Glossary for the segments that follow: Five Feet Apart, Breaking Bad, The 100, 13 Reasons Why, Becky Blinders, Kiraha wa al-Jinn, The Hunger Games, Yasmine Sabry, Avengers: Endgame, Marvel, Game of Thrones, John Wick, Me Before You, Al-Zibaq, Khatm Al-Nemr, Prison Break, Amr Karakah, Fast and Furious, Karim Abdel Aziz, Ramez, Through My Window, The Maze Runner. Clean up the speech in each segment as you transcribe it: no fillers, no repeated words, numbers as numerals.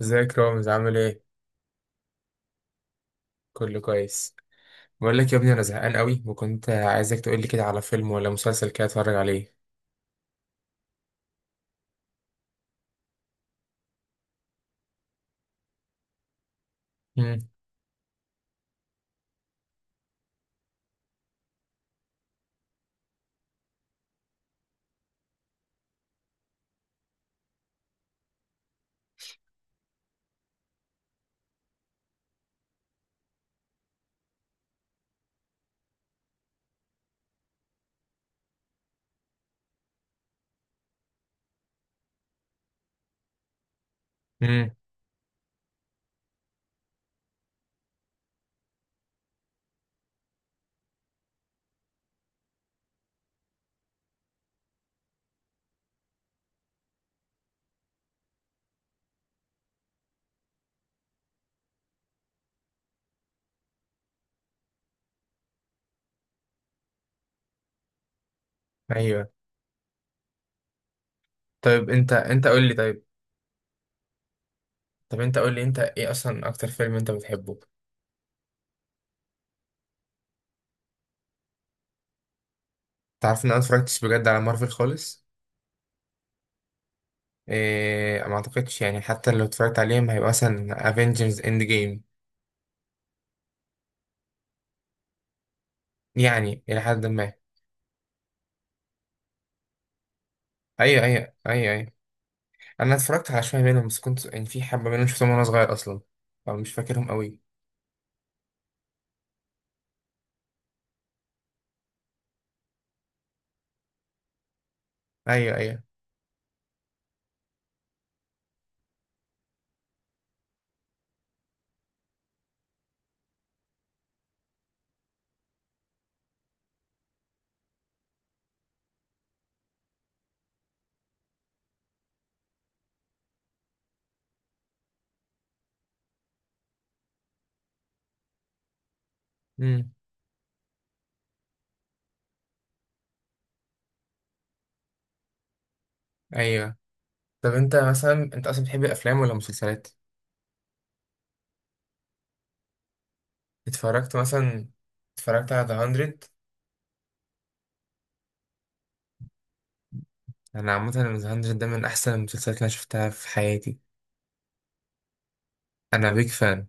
ازيك يا رامز، عامل ايه؟ كله كويس. بقول لك يا ابني، انا زهقان قوي وكنت عايزك تقول لي كده على فيلم ولا مسلسل كده اتفرج عليه. امم. امم. ايوه. طيب انت قول لي، طيب، طب انت قول لي انت ايه اصلا اكتر فيلم انت بتحبه؟ تعرف ان انا متفرجتش بجد على مارفل خالص؟ إيه، ما اعتقدش يعني، حتى لو اتفرجت عليهم هيبقى مثلا افنجرز اند جيم. يعني الى حد ما. ايوه، ايوه، ايوه، ايوه. انا اتفرجت على شويه منهم، بس كنت يعني في حبه منهم شفتهم وانا صغير اصلا، فمش فاكرهم قوي. ايوه، ايوه. مم. ايوه. طب انت مثلا انت اصلا بتحب الافلام ولا المسلسلات؟ اتفرجت مثلا اتفرجت على ذا 100. انا عامه، ذا 100 ده من احسن المسلسلات اللي انا شفتها في حياتي. انا بيج فان.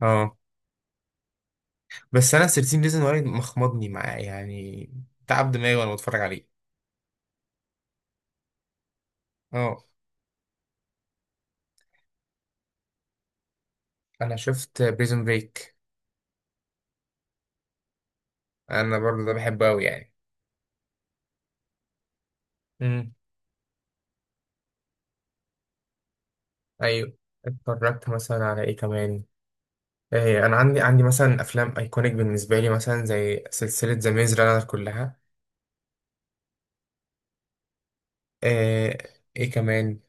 اه. بس انا 13 ريزون واي مخمضني معاه يعني، تعب دماغي وانا بتفرج عليه. اه انا شفت بريزون بريك. انا برضه ده بحبه قوي يعني. امم. ايوه. اتفرجت مثلا على ايه كمان؟ ايه، انا عندي مثلا افلام ايكونيك بالنسبه لي، مثلا زي سلسله ذا ميز رانر كلها. آه ايه كمان؟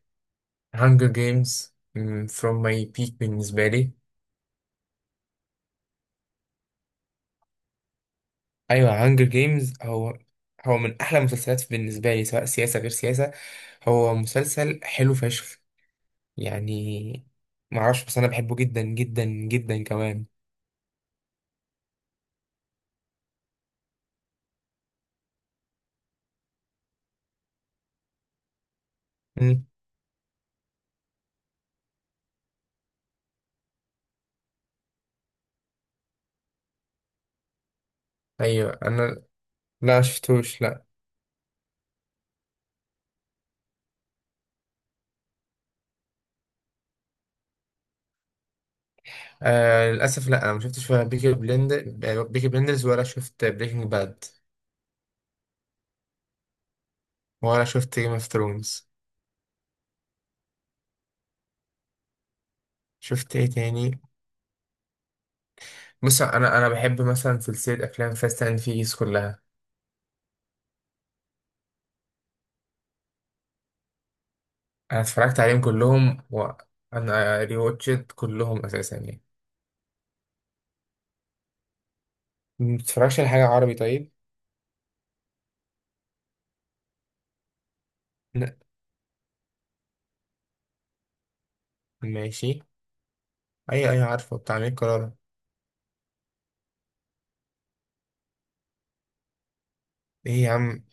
هانجر جيمز، فروم ماي بيك بالنسبة لي. ايوه، هانجر جيمز هو من احلى المسلسلات بالنسبة لي، سواء سياسة غير سياسة. هو مسلسل حلو فشخ يعني. معرفش، بس انا بحبه جدا جدا جدا كمان. مم. ايوه. انا لا شفتوش، لا. آه، للاسف لا، انا ما شفتش ولا بيكي بلندر، بيكي بلندرز، ولا شفت بريكنج باد، ولا شفت جيم اوف ثرونز. شفت ايه تاني؟ بص، انا بحب مثلا سلسله افلام فاست اند فيريس كلها. انا اتفرجت عليهم كلهم وانا ريواتشت كلهم اساسا يعني. ما بتتفرجش على حاجه عربي طيب؟ لا. ماشي، اي اي، عارفه، بتاع امير كرارة. ايه يا عم،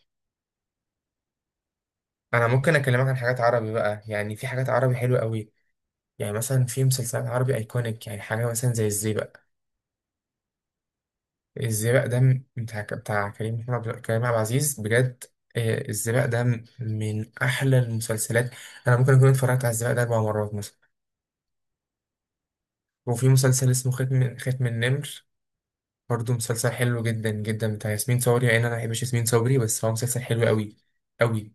انا ممكن اكلمك عن حاجات عربي بقى، يعني في حاجات عربي حلوه قوي. يعني مثلا في مسلسلات عربي ايكونيك، يعني حاجه مثلا زي الزيبق. الزيبق ده بتاع كريم عبد العزيز، بجد. الزيبق ده من احلى المسلسلات. انا ممكن اكون اتفرجت على الزيبق ده 4 مرات مثلا. وفي مسلسل اسمه ختم النمر، برضه مسلسل حلو جدا جدا بتاع ياسمين صبري، يعني انا ما بحبش ياسمين صبري بس هو مسلسل حلو قوي قوي.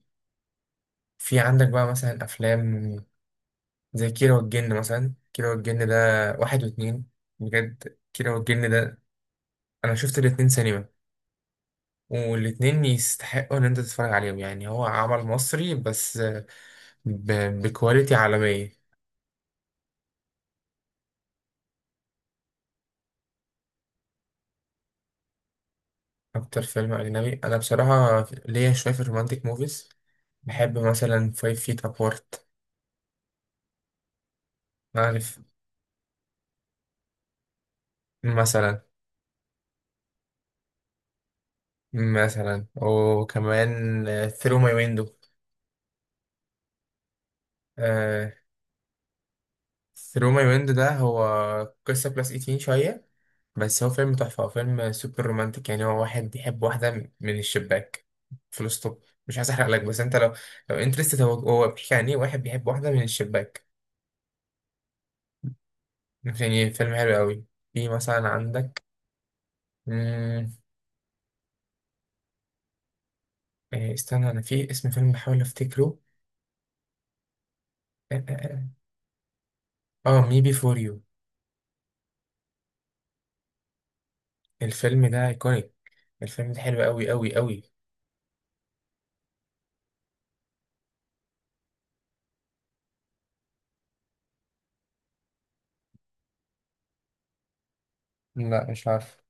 في عندك بقى مثلا افلام زي كيرة والجن، مثلا كيرة والجن ده واحد واتنين. بجد كيرة والجن ده، انا شفت الاتنين سينما، والاتنين يستحقوا ان انت تتفرج عليهم، يعني هو عمل مصري بس ب... بكواليتي عالمية. اكتر فيلم اجنبي انا بصراحة ليا شوية في الرومانتيك موفيز. بحب مثلا فايف فيت ابارت، عارف. مثلا، وكمان ثرو ماي ويندو. ثرو ماي ويندو ده، هو قصة بلس 18 شوية، بس هو فيلم تحفة، هو فيلم سوبر رومانتك يعني. هو واحد بيحب واحدة من الشباك، فول ستوب. مش عايز احرق لك، بس انت لو انترستد، هو بيحكي عن ايه؟ واحد بيحب واحدة من الشباك. يعني فيلم حلو قوي. في مثلا عندك. مم، استنى، انا في اسم فيلم بحاول افتكره. اه مي بي فور يو. الفيلم ده ايكونيك. الفيلم ده حلو قوي قوي قوي. لا، مش عارف.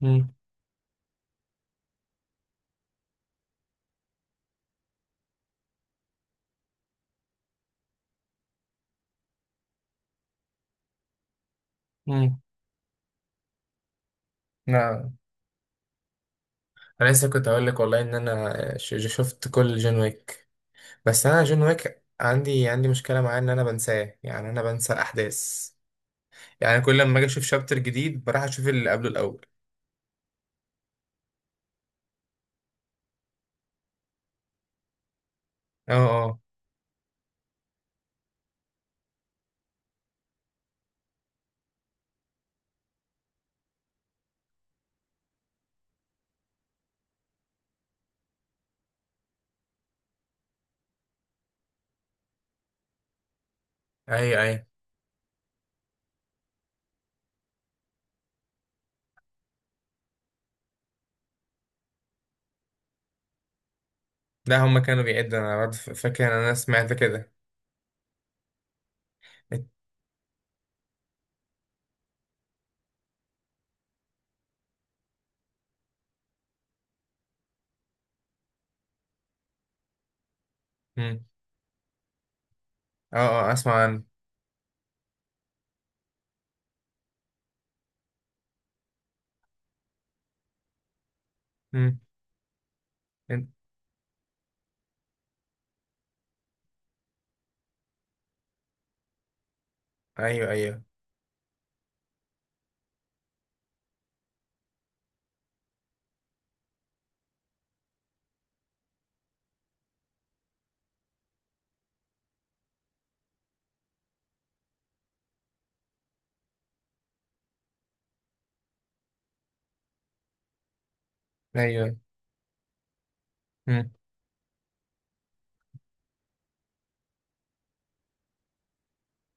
مم. مم. لا، انا لسه كنت هقول لك والله ان انا شفت كل جون ويك. بس انا جون ويك عندي مشكله معاه، ان انا بنساه، يعني انا بنسى الاحداث. يعني كل لما اجي اشوف شابتر جديد بروح اشوف اللي قبله الاول. اه. اه. اي اي. لا، هما كانوا بيعدوا، انا برضه فاكر ان انا سمعت كده. امم. اه. اه. اسمع عنه. امم. ايوه، ايوه، ايوه. امم.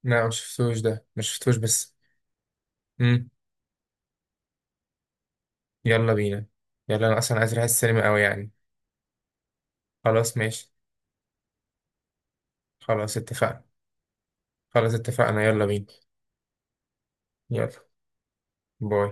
لا، ما شفتوش ده، ما شفتوش، بس. مم. يلا بينا. يلا، انا اصلا عايز اروح السينما قوي يعني. خلاص ماشي. خلاص اتفقنا. خلاص اتفقنا، يلا بينا. يلا، باي.